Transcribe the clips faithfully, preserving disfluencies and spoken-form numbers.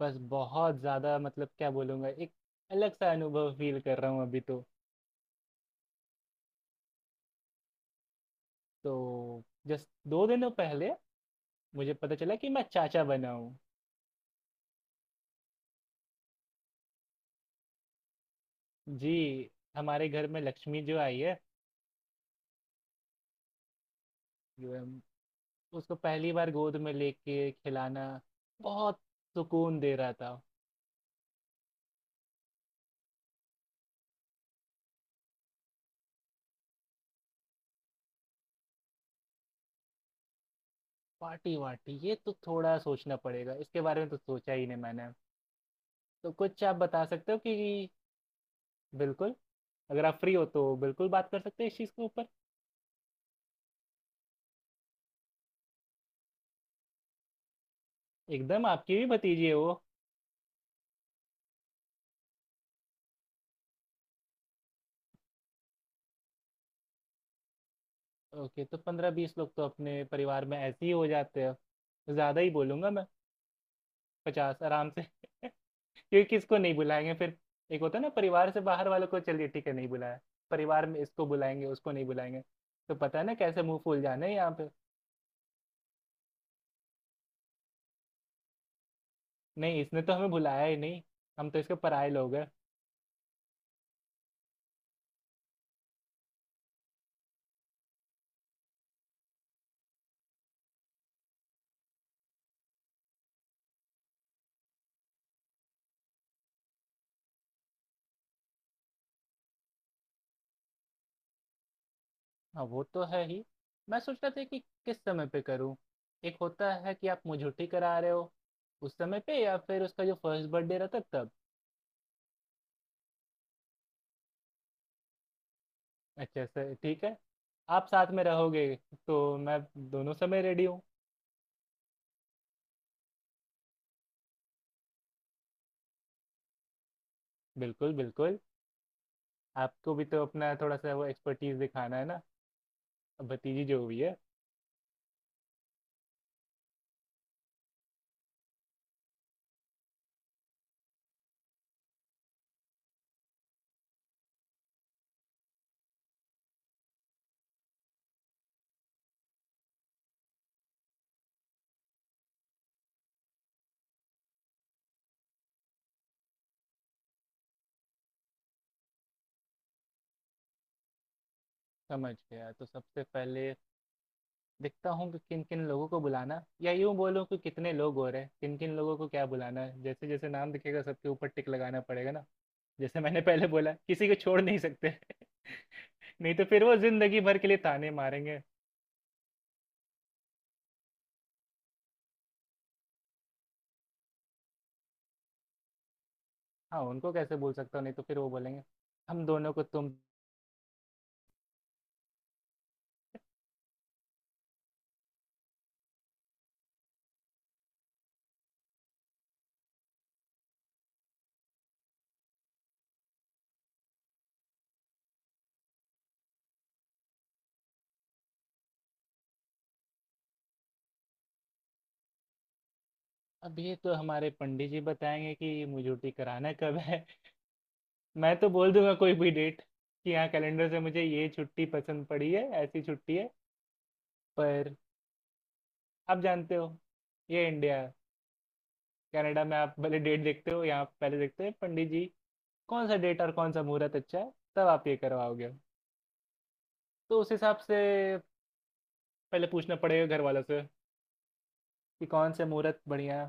बस बहुत ज़्यादा, मतलब क्या बोलूँगा, एक अलग सा अनुभव फील कर रहा हूँ अभी। तो तो जस्ट दो दिनों पहले मुझे पता चला कि मैं चाचा बना हूँ। जी, हमारे घर में लक्ष्मी जो आई है, जो हम- उसको पहली बार गोद में लेके खिलाना बहुत सुकून दे रहा था। पार्टी वार्टी, ये तो थोड़ा सोचना पड़ेगा, इसके बारे में तो सोचा ही नहीं मैंने। तो कुछ आप बता सकते हो कि। बिल्कुल, अगर आप फ्री हो तो बिल्कुल बात कर सकते हैं इस चीज़ के ऊपर। एकदम, आपकी भी भतीजी है वो। ओके, तो पंद्रह बीस लोग तो अपने परिवार में ऐसे ही हो जाते हैं। ज़्यादा ही बोलूँगा मैं। पचास आराम से। क्योंकि किसको नहीं बुलाएंगे फिर। एक होता है ना, परिवार से बाहर वालों को चलिए ठीक है नहीं बुलाया। परिवार में इसको बुलाएंगे उसको नहीं बुलाएंगे, तो पता है ना कैसे मुंह फूल जाना है यहाँ पे। नहीं, इसने तो हमें बुलाया ही नहीं, हम तो इसके पराये लोग हैं। हाँ वो तो है ही। मैं सोच रहा था कि किस समय पे करूँ। एक होता है कि आप मुझे छुट्टी करा रहे हो उस समय पे, या फिर उसका जो फर्स्ट बर्थडे रहता है, तब। अच्छा सर, ठीक है। आप साथ में रहोगे तो मैं दोनों समय रेडी हूँ। बिल्कुल बिल्कुल। आपको भी तो अपना थोड़ा सा वो एक्सपर्टीज दिखाना है ना, अब भतीजी जो हुई है। समझ गया। तो सबसे पहले देखता हूँ कि किन किन लोगों को बुलाना, या यूँ बोलूँ कि कितने लोग हो रहे हैं, किन किन लोगों को क्या बुलाना है। जैसे जैसे नाम दिखेगा सबके ऊपर टिक लगाना पड़ेगा ना। जैसे मैंने पहले बोला, किसी को छोड़ नहीं सकते। नहीं तो फिर वो जिंदगी भर के लिए ताने मारेंगे। हाँ, उनको कैसे बोल सकता हूँ, नहीं तो फिर वो बोलेंगे हम दोनों को तुम। अब ये तो हमारे पंडित जी बताएंगे कि मुझे छुट्टी कराना कब है। मैं तो बोल दूंगा कोई भी डेट, कि हाँ कैलेंडर से मुझे ये छुट्टी पसंद पड़ी है, ऐसी छुट्टी है। पर आप जानते हो, ये इंडिया कनाडा में आप पहले डेट देखते हो, यहाँ पहले देखते हैं पंडित जी कौन सा डेट और कौन सा मुहूर्त अच्छा है, तब आप ये करवाओगे। तो उस हिसाब से पहले पूछना पड़ेगा घर वालों से कि कौन से मुहूर्त बढ़िया।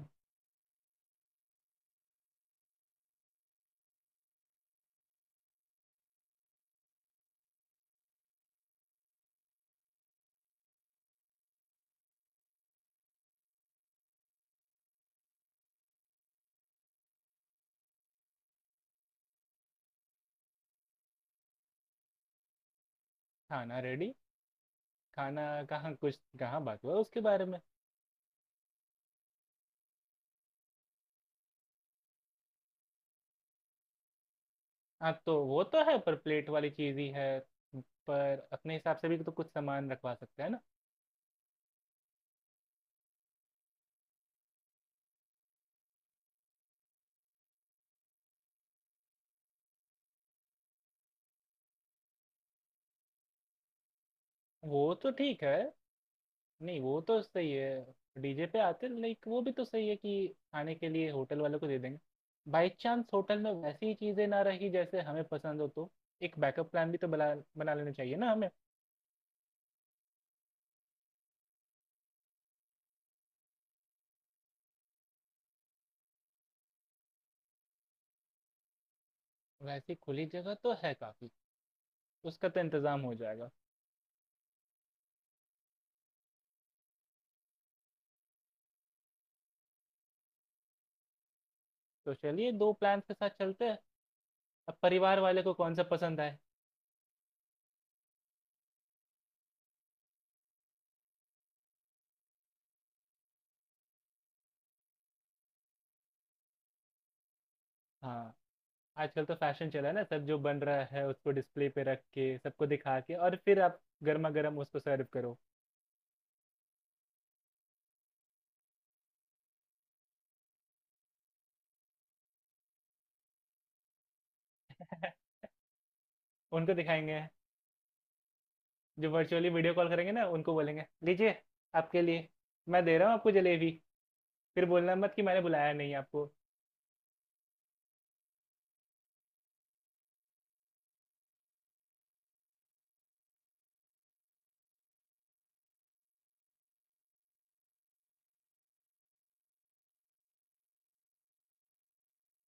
खाना रेडी? खाना कहाँ, कुछ कहाँ बात हुआ उसके बारे में। हाँ तो वो तो है, पर प्लेट वाली चीज ही है। पर अपने हिसाब से भी तो कुछ सामान रखवा सकते हैं ना। वो तो ठीक है। नहीं वो तो सही है। डीजे पे आते, लाइक वो भी तो सही है कि खाने के लिए होटल वालों को दे देंगे, बाई चांस होटल में वैसी चीजें ना रही जैसे हमें पसंद हो, तो एक बैकअप प्लान भी तो बना बना लेना चाहिए ना हमें। वैसी खुली जगह तो है काफी, उसका तो इंतजाम हो जाएगा। तो चलिए दो प्लान के साथ चलते हैं, अब परिवार वाले को कौन सा पसंद आए। हाँ, आजकल तो फैशन चला है ना, सब जो बन रहा है उसको डिस्प्ले पे रख के सबको दिखा के, और फिर आप गर्मा गर्म उसको सर्व करो। उनको दिखाएंगे, जो वर्चुअली वीडियो कॉल करेंगे ना, उनको बोलेंगे लीजिए आपके लिए, मैं दे रहा हूँ आपको जलेबी। फिर बोलना मत कि मैंने बुलाया नहीं आपको।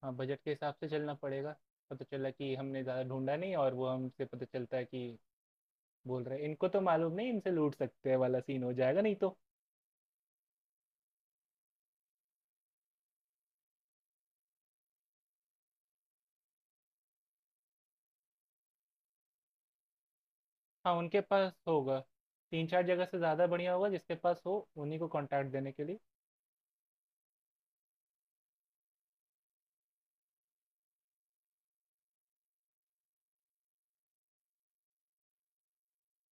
हाँ, बजट के हिसाब से चलना पड़ेगा। पता चला कि हमने ज़्यादा ढूंढा नहीं, और वो हमसे पता चलता है कि बोल रहे हैं, इनको तो मालूम नहीं, इनसे लूट सकते हैं, वाला सीन हो जाएगा नहीं तो। हाँ उनके पास होगा। तीन चार जगह से, ज़्यादा बढ़िया होगा जिसके पास हो उन्हीं को कांटेक्ट देने के लिए।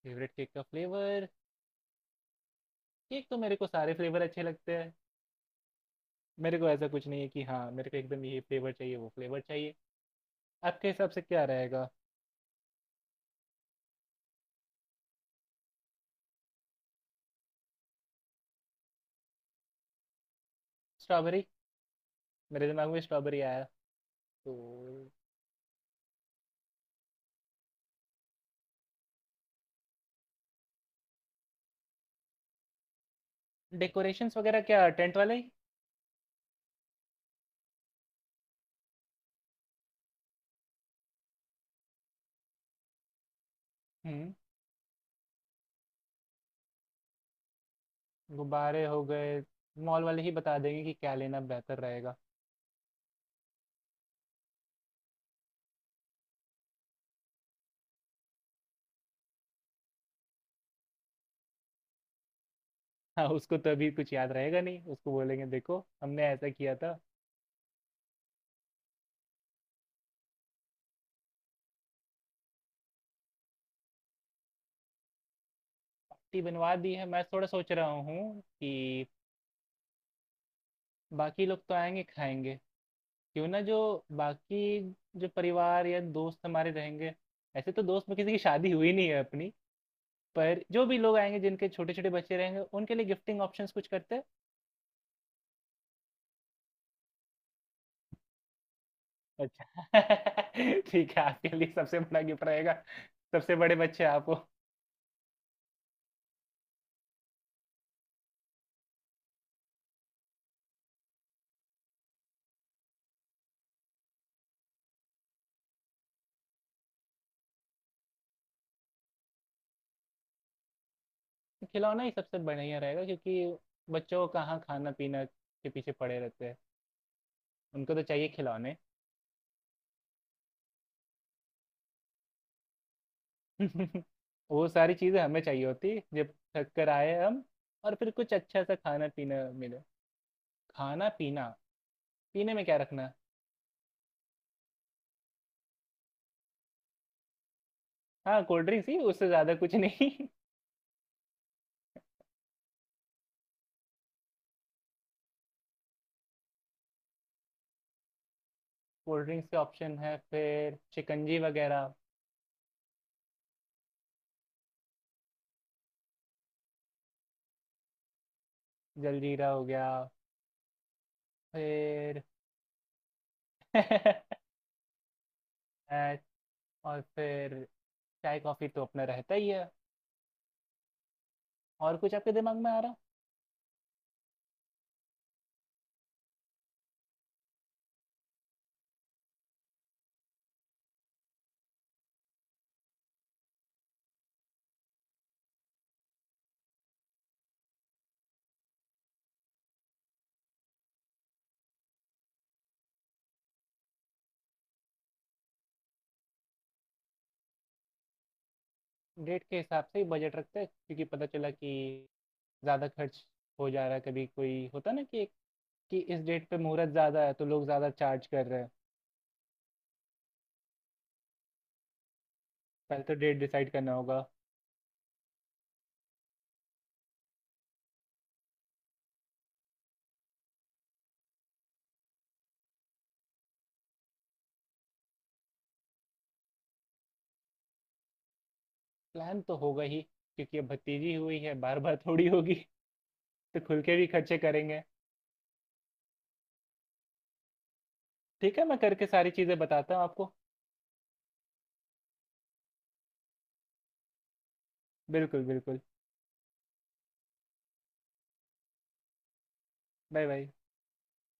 फेवरेट केक का फ्लेवर। केक तो मेरे को सारे फ्लेवर अच्छे लगते हैं। मेरे को ऐसा कुछ नहीं है कि हाँ मेरे को एकदम ये फ्लेवर चाहिए वो फ्लेवर चाहिए। आपके हिसाब से क्या रहेगा। स्ट्रॉबेरी, मेरे दिमाग में स्ट्रॉबेरी आया तो। डेकोरेशंस वगैरह क्या टेंट वाले ही? हम्म, गुब्बारे हो गए। मॉल वाले ही बता देंगे कि क्या लेना बेहतर रहेगा। हाँ उसको तो अभी कुछ याद रहेगा नहीं, उसको बोलेंगे देखो हमने ऐसा किया था। पार्टी बनवा दी है, मैं थोड़ा सोच रहा हूँ कि बाकी लोग तो आएंगे खाएंगे, क्यों ना जो बाकी, जो परिवार या दोस्त हमारे रहेंगे, ऐसे तो दोस्त में किसी की शादी हुई नहीं है अपनी, पर जो भी लोग आएंगे जिनके छोटे छोटे बच्चे रहेंगे, उनके लिए गिफ्टिंग ऑप्शंस कुछ करते हैं। अच्छा। ठीक है, आपके लिए सबसे बड़ा गिफ्ट रहेगा, सबसे बड़े बच्चे आपको। खिलौना ही सबसे बढ़िया रहेगा, क्योंकि बच्चों को कहाँ खाना पीना के पीछे पड़े रहते हैं, उनको तो चाहिए खिलौने। वो सारी चीज़ें हमें चाहिए होती जब थक कर आए हम, और फिर कुछ अच्छा सा खाना पीना मिले। खाना पीना, पीने में क्या रखना है। हाँ, कोल्ड ड्रिंक्स ही, उससे ज़्यादा कुछ नहीं। कोल्ड ड्रिंक्स के ऑप्शन है फिर, शिकंजी वगैरह, जलजीरा हो गया फिर। अ, और फिर चाय कॉफ़ी तो अपना रहता ही है। और कुछ आपके दिमाग में आ रहा? डेट के हिसाब से ही बजट रखते हैं, क्योंकि पता चला कि ज़्यादा खर्च हो जा रहा है। कभी कोई होता ना कि कि इस डेट पे मुहूर्त ज़्यादा है तो लोग ज़्यादा चार्ज कर रहे हैं। पहले तो डेट डिसाइड करना होगा। प्लान तो होगा ही, क्योंकि अब भतीजी हुई है, बार बार थोड़ी होगी, तो खुल के भी खर्चे करेंगे। ठीक है, मैं करके सारी चीज़ें बताता हूँ आपको। बिल्कुल बिल्कुल। Bye bye.